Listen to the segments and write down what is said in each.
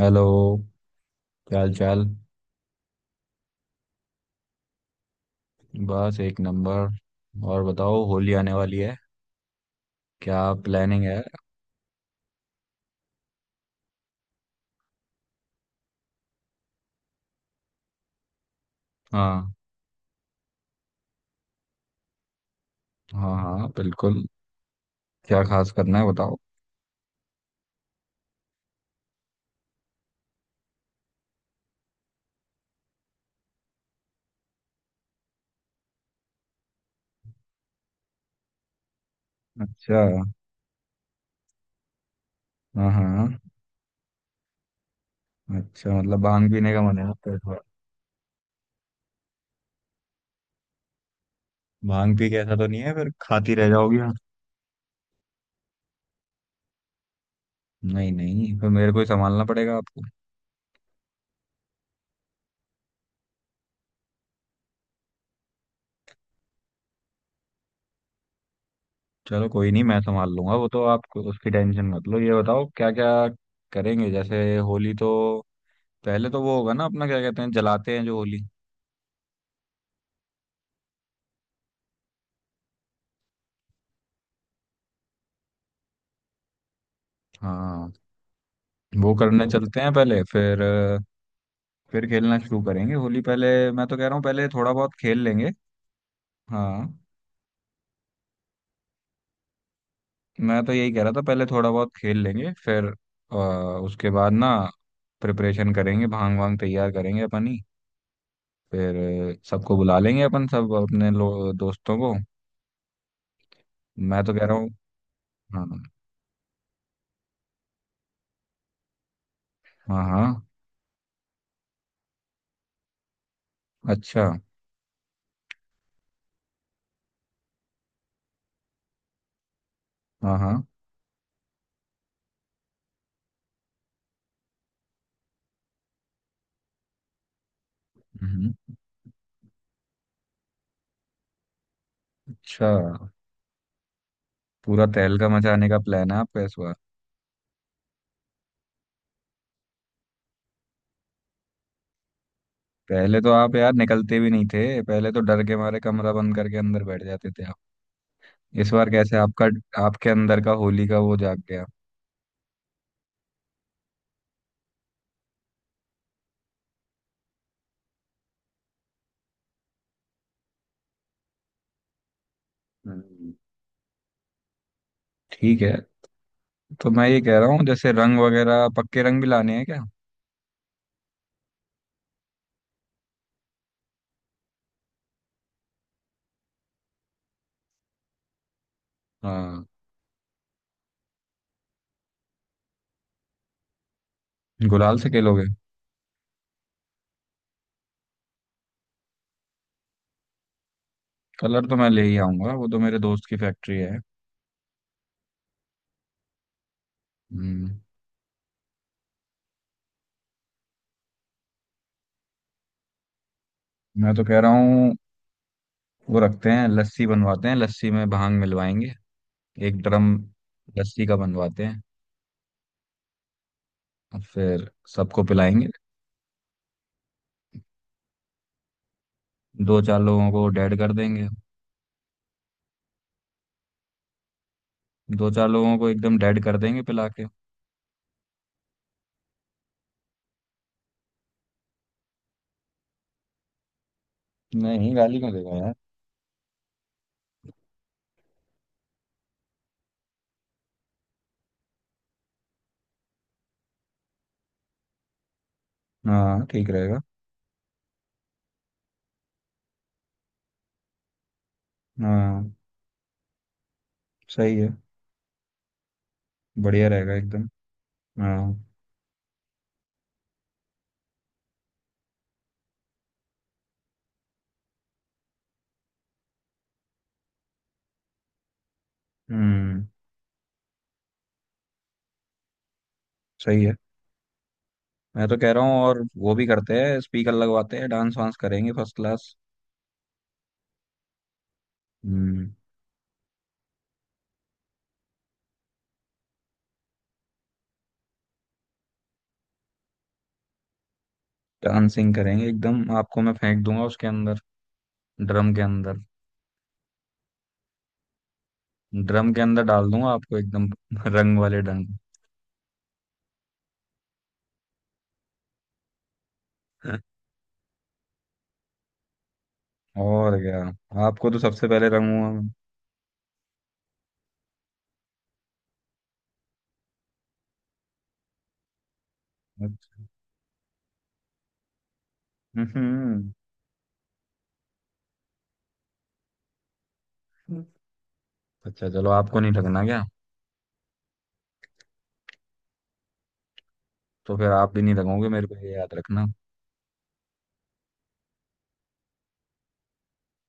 Hello. क्या हाल चाल। बस एक नंबर। और बताओ, होली आने वाली है, क्या प्लानिंग है? हाँ। हाँ हाँ बिल्कुल। क्या खास करना है बताओ। अच्छा। हाँ हाँ। अच्छा, मतलब भांग पीने का मन है आपका इस बार। भांग पी के ऐसा तो नहीं है फिर खाती रह जाओगी आप? नहीं नहीं, फिर मेरे को ही संभालना पड़ेगा आपको। चलो कोई नहीं, मैं संभाल लूंगा वो तो, आप उसकी टेंशन मत लो, ये बताओ क्या क्या करेंगे जैसे होली तो। पहले तो वो होगा ना अपना, क्या कहते हैं, जलाते हैं जो होली। हाँ। वो करने चलते हैं पहले, फिर फिर खेलना शुरू करेंगे होली। पहले मैं तो कह रहा हूँ पहले थोड़ा बहुत खेल लेंगे। हाँ। मैं तो यही कह रहा था, पहले थोड़ा बहुत खेल लेंगे फिर अ, उसके बाद ना प्रिपरेशन करेंगे, भांग वांग तैयार करेंगे अपन ही। फिर सबको बुला लेंगे अपन, सब अपने लो, दोस्तों को। मैं तो कह रहा हूँ। हाँ हाँ। हाँ। अच्छा। हाँ हाँ। हम्म, अच्छा। पूरा तहलका मचाने का प्लान है आपका इस बार। पहले तो आप यार निकलते भी नहीं थे, पहले तो डर के मारे कमरा बंद करके अंदर बैठ जाते थे आप। इस बार कैसे आपका, आपके अंदर का होली का वो जाग गया? हम्म, ठीक है। तो मैं ये कह रहा हूँ जैसे रंग वगैरह, पक्के रंग भी लाने हैं क्या? हाँ। गुलाल से खेलोगे। कलर तो मैं ले ही आऊंगा, वो तो मेरे दोस्त की फैक्ट्री है। हम्म। मैं तो कह रहा हूँ वो रखते हैं लस्सी बनवाते हैं, लस्सी में भांग मिलवाएंगे। एक ड्रम लस्सी का बनवाते हैं, और फिर सबको पिलाएंगे। दो चार लोगों को डेड कर देंगे। दो चार लोगों को एकदम डेड कर देंगे पिला के। नहीं, गाली क्यों देगा यार। हाँ ठीक रहेगा। हाँ। सही है। बढ़िया रहेगा एकदम। हाँ। हम्म। सही है। मैं तो कह रहा हूँ और वो भी करते हैं, स्पीकर लगवाते हैं, डांस वांस करेंगे फर्स्ट क्लास। हम्म। डांसिंग करेंगे एकदम। आपको मैं फेंक दूंगा उसके अंदर, ड्रम के अंदर। ड्रम के अंदर डाल दूंगा आपको एकदम रंग वाले ढंग। और क्या, आपको तो सबसे पहले रंगूंगा। मैं। अच्छा। हम्म, अच्छा। चलो आपको नहीं लगना क्या, तो फिर आप भी नहीं रखोगे मेरे को, ये याद रखना।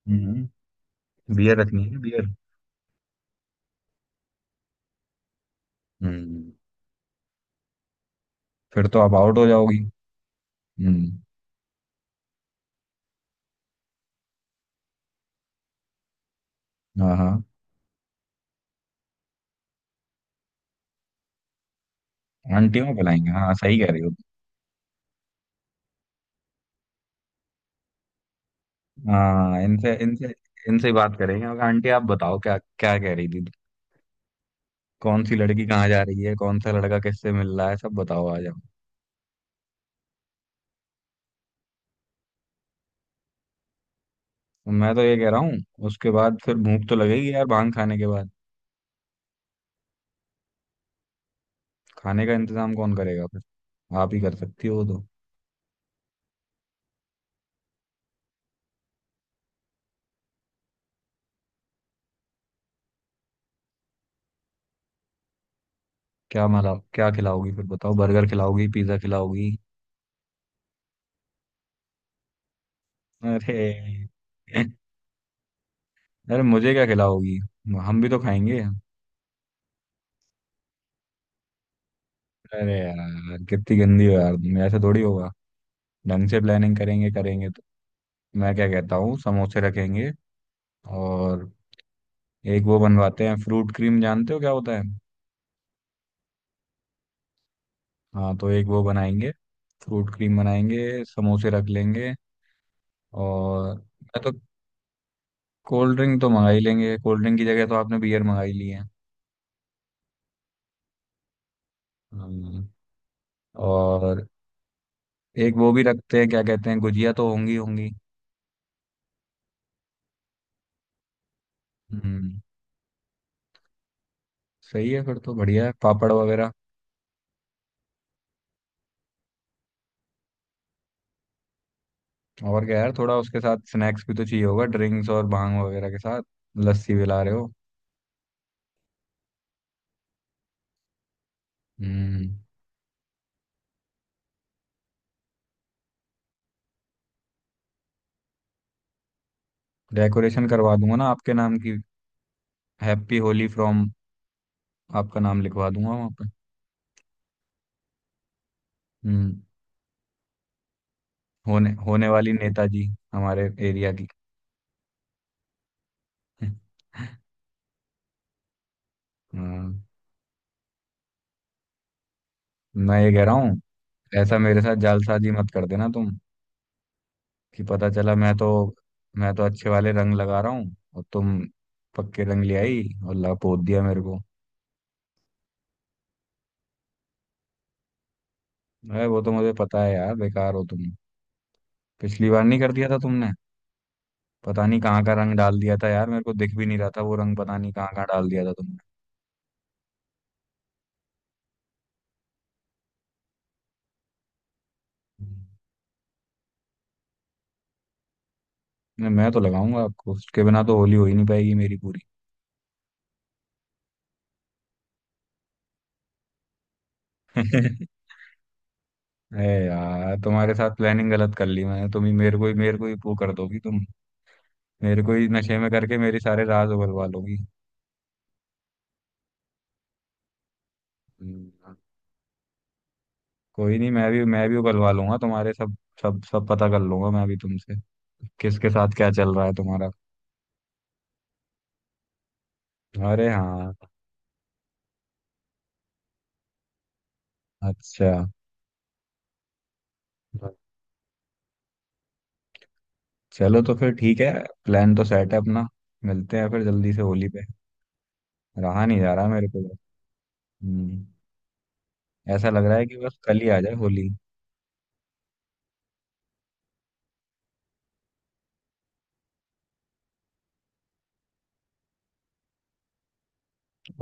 हम्म। बियर रखनी है बियर। हम्म। फिर तो आप आउट हो जाओगी। हम्म। हाँ हाँ। आंटियों को बुलाएंगे, हाँ सही कह रही हो। हाँ, इनसे इनसे इनसे ही बात करेंगे, और आंटी आप बताओ क्या क्या कह रही थी, कौन सी लड़की कहाँ जा रही है, कौन सा लड़का किससे मिल रहा है, सब बताओ आ जाओ। मैं तो ये कह रहा हूँ उसके बाद फिर भूख तो लगेगी यार भांग खाने के बाद। खाने का इंतजाम कौन करेगा फिर, आप ही कर सकती हो तो। क्या मला क्या खिलाओगी फिर बताओ, बर्गर खिलाओगी, पिज्जा खिलाओगी? अरे। अरे मुझे क्या खिलाओगी, हम भी तो खाएंगे। अरे यार कितनी गंदी हो यार तुम, ऐसा थोड़ी होगा। ढंग से प्लानिंग करेंगे करेंगे तो। मैं क्या कहता हूँ, समोसे रखेंगे, और एक वो बनवाते हैं फ्रूट क्रीम, जानते हो क्या होता है? हाँ, तो एक वो बनाएंगे, फ्रूट क्रीम बनाएंगे, समोसे रख लेंगे, और मैं तो कोल्ड ड्रिंक तो मंगा ही लेंगे। कोल्ड ड्रिंक की जगह तो आपने बियर मंगाई ली है। हम्म। और एक वो भी रखते हैं, क्या कहते हैं, गुजिया तो होंगी होंगी। हम्म, सही है। फिर तो बढ़िया है, पापड़ वगैरह। और क्या यार, थोड़ा उसके साथ स्नैक्स भी तो चाहिए होगा ड्रिंक्स और भांग वगैरह के साथ। लस्सी भी ला रहे हो। हम्म। डेकोरेशन करवा दूंगा ना आपके नाम की, हैप्पी होली फ्रॉम, आपका नाम लिखवा दूंगा वहाँ पे। हम्म। होने होने वाली नेताजी हमारे एरिया की। हाँ। मैं ये कह रहा हूँ ऐसा मेरे साथ जालसाजी मत कर देना तुम, कि पता चला मैं तो। मैं तो अच्छे वाले रंग लगा रहा हूँ और तुम पक्के रंग ले आई और लपोत दिया मेरे को। अरे वो तो मुझे पता है यार, बेकार हो तुम। पिछली बार नहीं कर दिया था तुमने। पता नहीं कहाँ का रंग डाल दिया था यार, मेरे को दिख भी नहीं रहा था, वो रंग पता नहीं कहाँ कहाँ डाल दिया था तुमने। नहीं, मैं तो लगाऊंगा आपको, उसके बिना तो होली हो ही नहीं पाएगी मेरी पूरी। अरे यार तुम्हारे साथ प्लानिंग गलत कर ली मैंने, तुम ही मेरे को ही, मेरे को ही वो कर दोगी तुम, मेरे को ही नशे में करके मेरे सारे राज उगलवा लोगी। हम्म। कोई नहीं, मैं भी मैं भी उगलवा लूंगा तुम्हारे सब, सब सब पता कर लूंगा मैं भी तुमसे, किसके साथ क्या चल रहा है तुम्हारा। अरे हाँ। अच्छा। चलो तो फिर ठीक है। प्लान तो सेट है अपना, मिलते हैं फिर जल्दी से होली पे। रहा नहीं जा रहा मेरे को। हम्म। ऐसा लग रहा है कि बस कल ही आ जाए होली।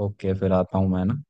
ओके, फिर आता हूँ मैं ना।